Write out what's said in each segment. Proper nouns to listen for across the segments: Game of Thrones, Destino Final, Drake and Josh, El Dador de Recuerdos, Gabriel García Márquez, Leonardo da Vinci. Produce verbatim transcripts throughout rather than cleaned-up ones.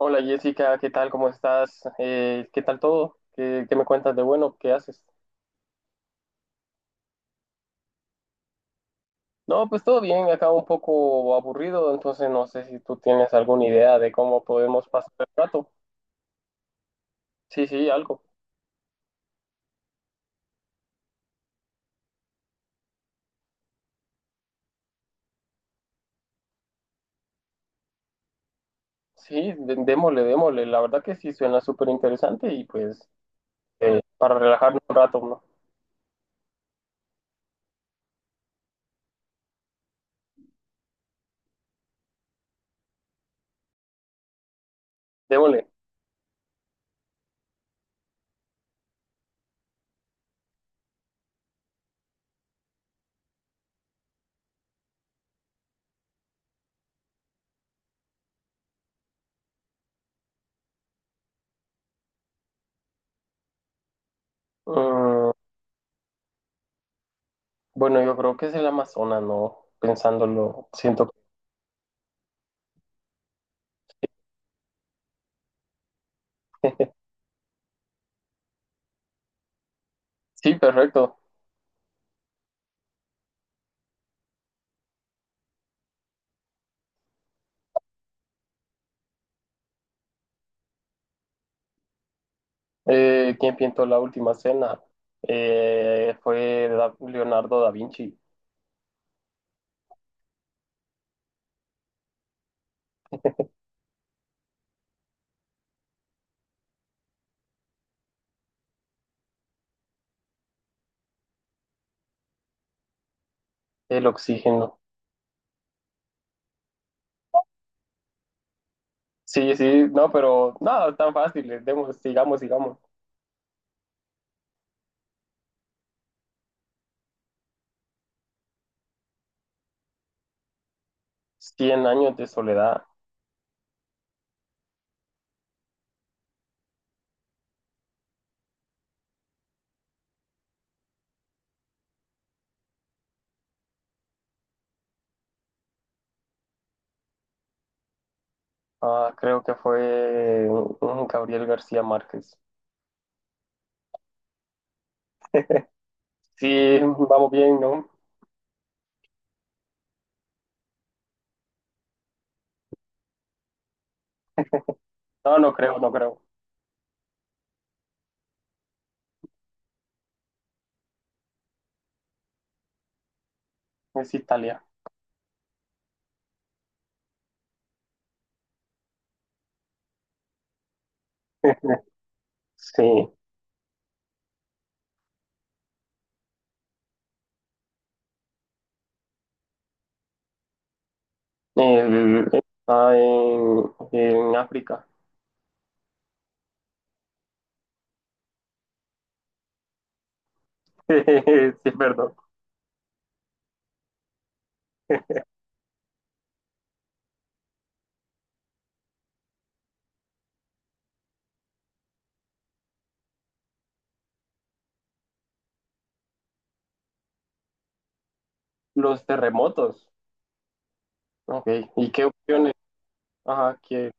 Hola Jessica, ¿qué tal? ¿Cómo estás? Eh, ¿qué tal todo? ¿Qué, qué me cuentas de bueno? ¿Qué haces? No, pues todo bien, acá un poco aburrido, entonces no sé si tú tienes alguna idea de cómo podemos pasar el rato. Sí, sí, algo. Sí, de- démosle, démosle. La verdad que sí suena súper interesante y pues eh, para relajarnos un rato, ¿no? Démosle. Mm, bueno, yo creo que es el Amazonas, ¿no? Pensándolo, siento. que- Sí, perfecto. Eh, quien pintó la última cena eh, fue Da- Leonardo da Vinci, el oxígeno. Sí, sí, no, pero nada, tan fácil, eh, demos, sigamos, sigamos. Cien años de soledad, ah, creo que fue mm, Gabriel García Márquez. Sí, vamos bien, ¿no? No, no creo, no creo, es Italia. Sí, el- está en, en África. Sí, perdón. Los terremotos. Ok, ¿y qué opciones? Ajá, que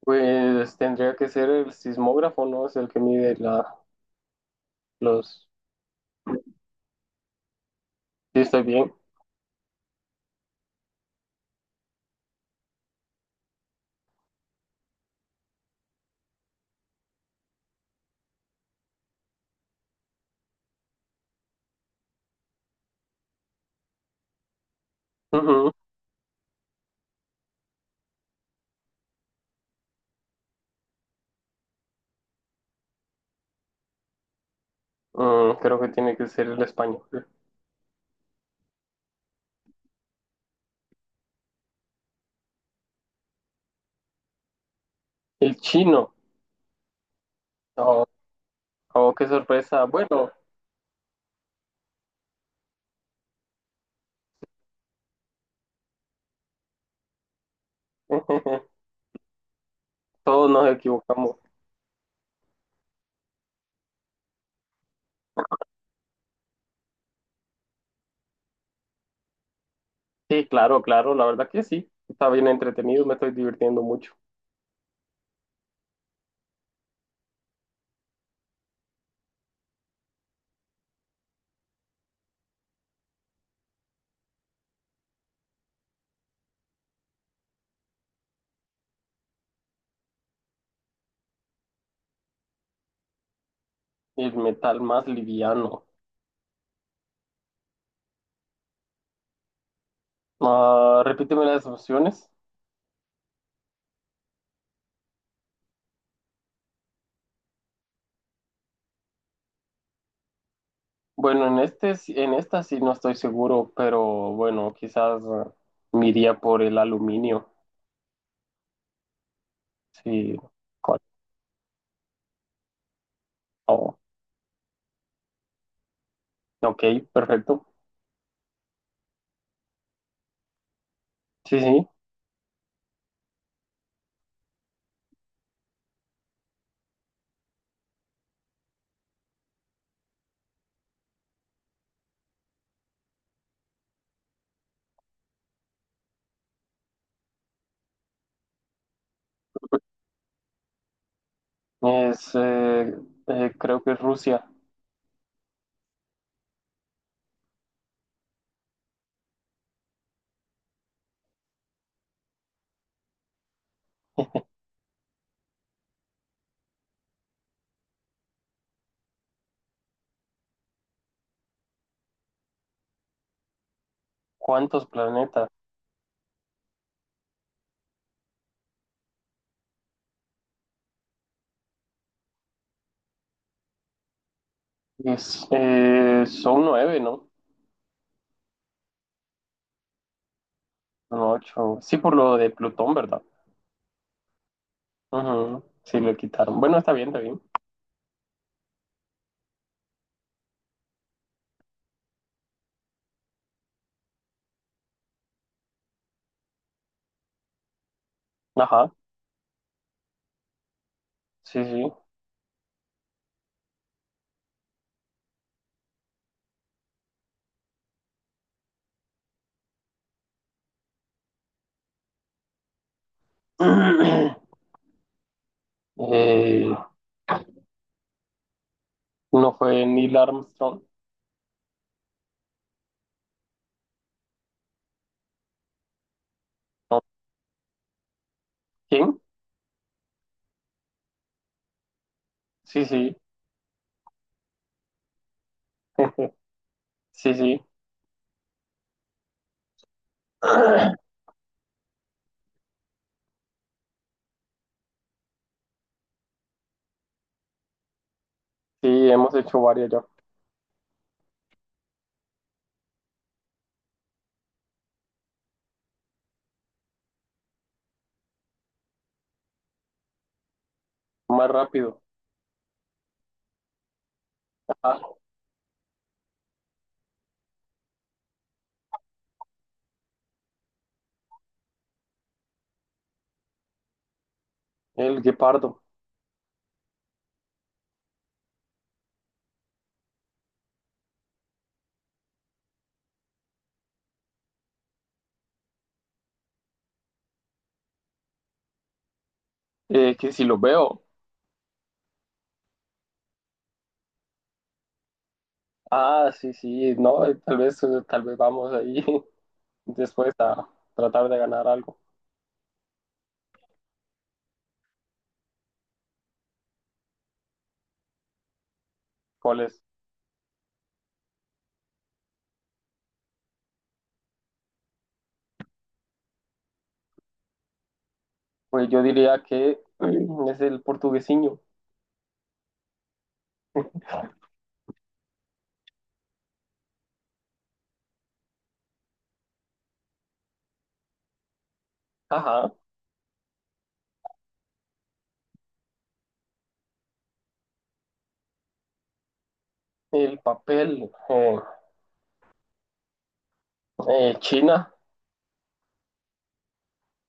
pues tendría que ser el sismógrafo, ¿no? Es el que mide la, los... Sí, estoy bien. Ujú. Mm, creo que tiene que ser el español. El chino. Oh, oh, qué sorpresa. Bueno, todos nos equivocamos. Sí, claro, claro, la verdad que sí. Está bien entretenido, me estoy divirtiendo mucho. El metal más liviano. Ah, repíteme las opciones. Bueno, en este, sí- en esta sí no estoy seguro, pero bueno, quizás ah, me iría por el aluminio. Sí, Kosovo. Ok, perfecto. Sí, sí, es, eh, eh, creo que es Rusia. ¿Cuántos planetas? Es, eh, son nueve, ¿no? Son ocho. Sí, por lo de Plutón, ¿verdad? Ujú, sí, lo quitaron. Bueno, está bien, está bien. Ajá, sí, sí. Eh, no fue Neil Armstrong. ¿No? ¿Quién? Sí, sí, sí, sí. Sí, hemos hecho varias ya. Más rápido. Ajá, el guepardo. Eh, que si lo veo. Ah, sí, sí, no, eh, tal vez, eh, tal vez vamos ahí después a tratar de ganar algo. ¿Cuál es? Pues yo diría que es el portuguesiño. Ajá, el papel. eh, eh, China.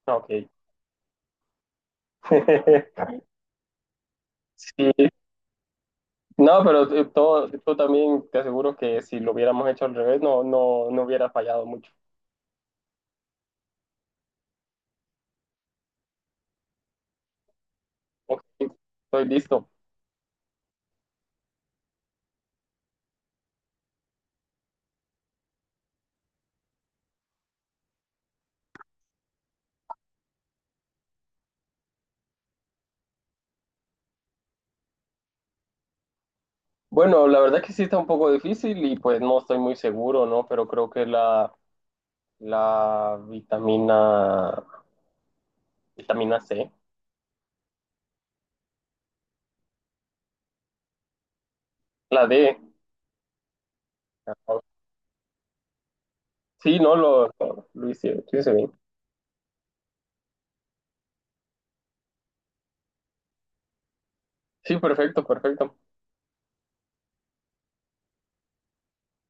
Ok. Sí, no, pero eh, todo, tú también te aseguro que si lo hubiéramos hecho al revés, no, no, no hubiera fallado mucho. Ok, estoy listo. Bueno, la verdad que sí está un poco difícil y pues no estoy muy seguro, ¿no? Pero creo que la la vitamina, vitamina C, la D. Ah, sí, no, lo, lo, lo hice, lo hice bien. Sí, perfecto, perfecto.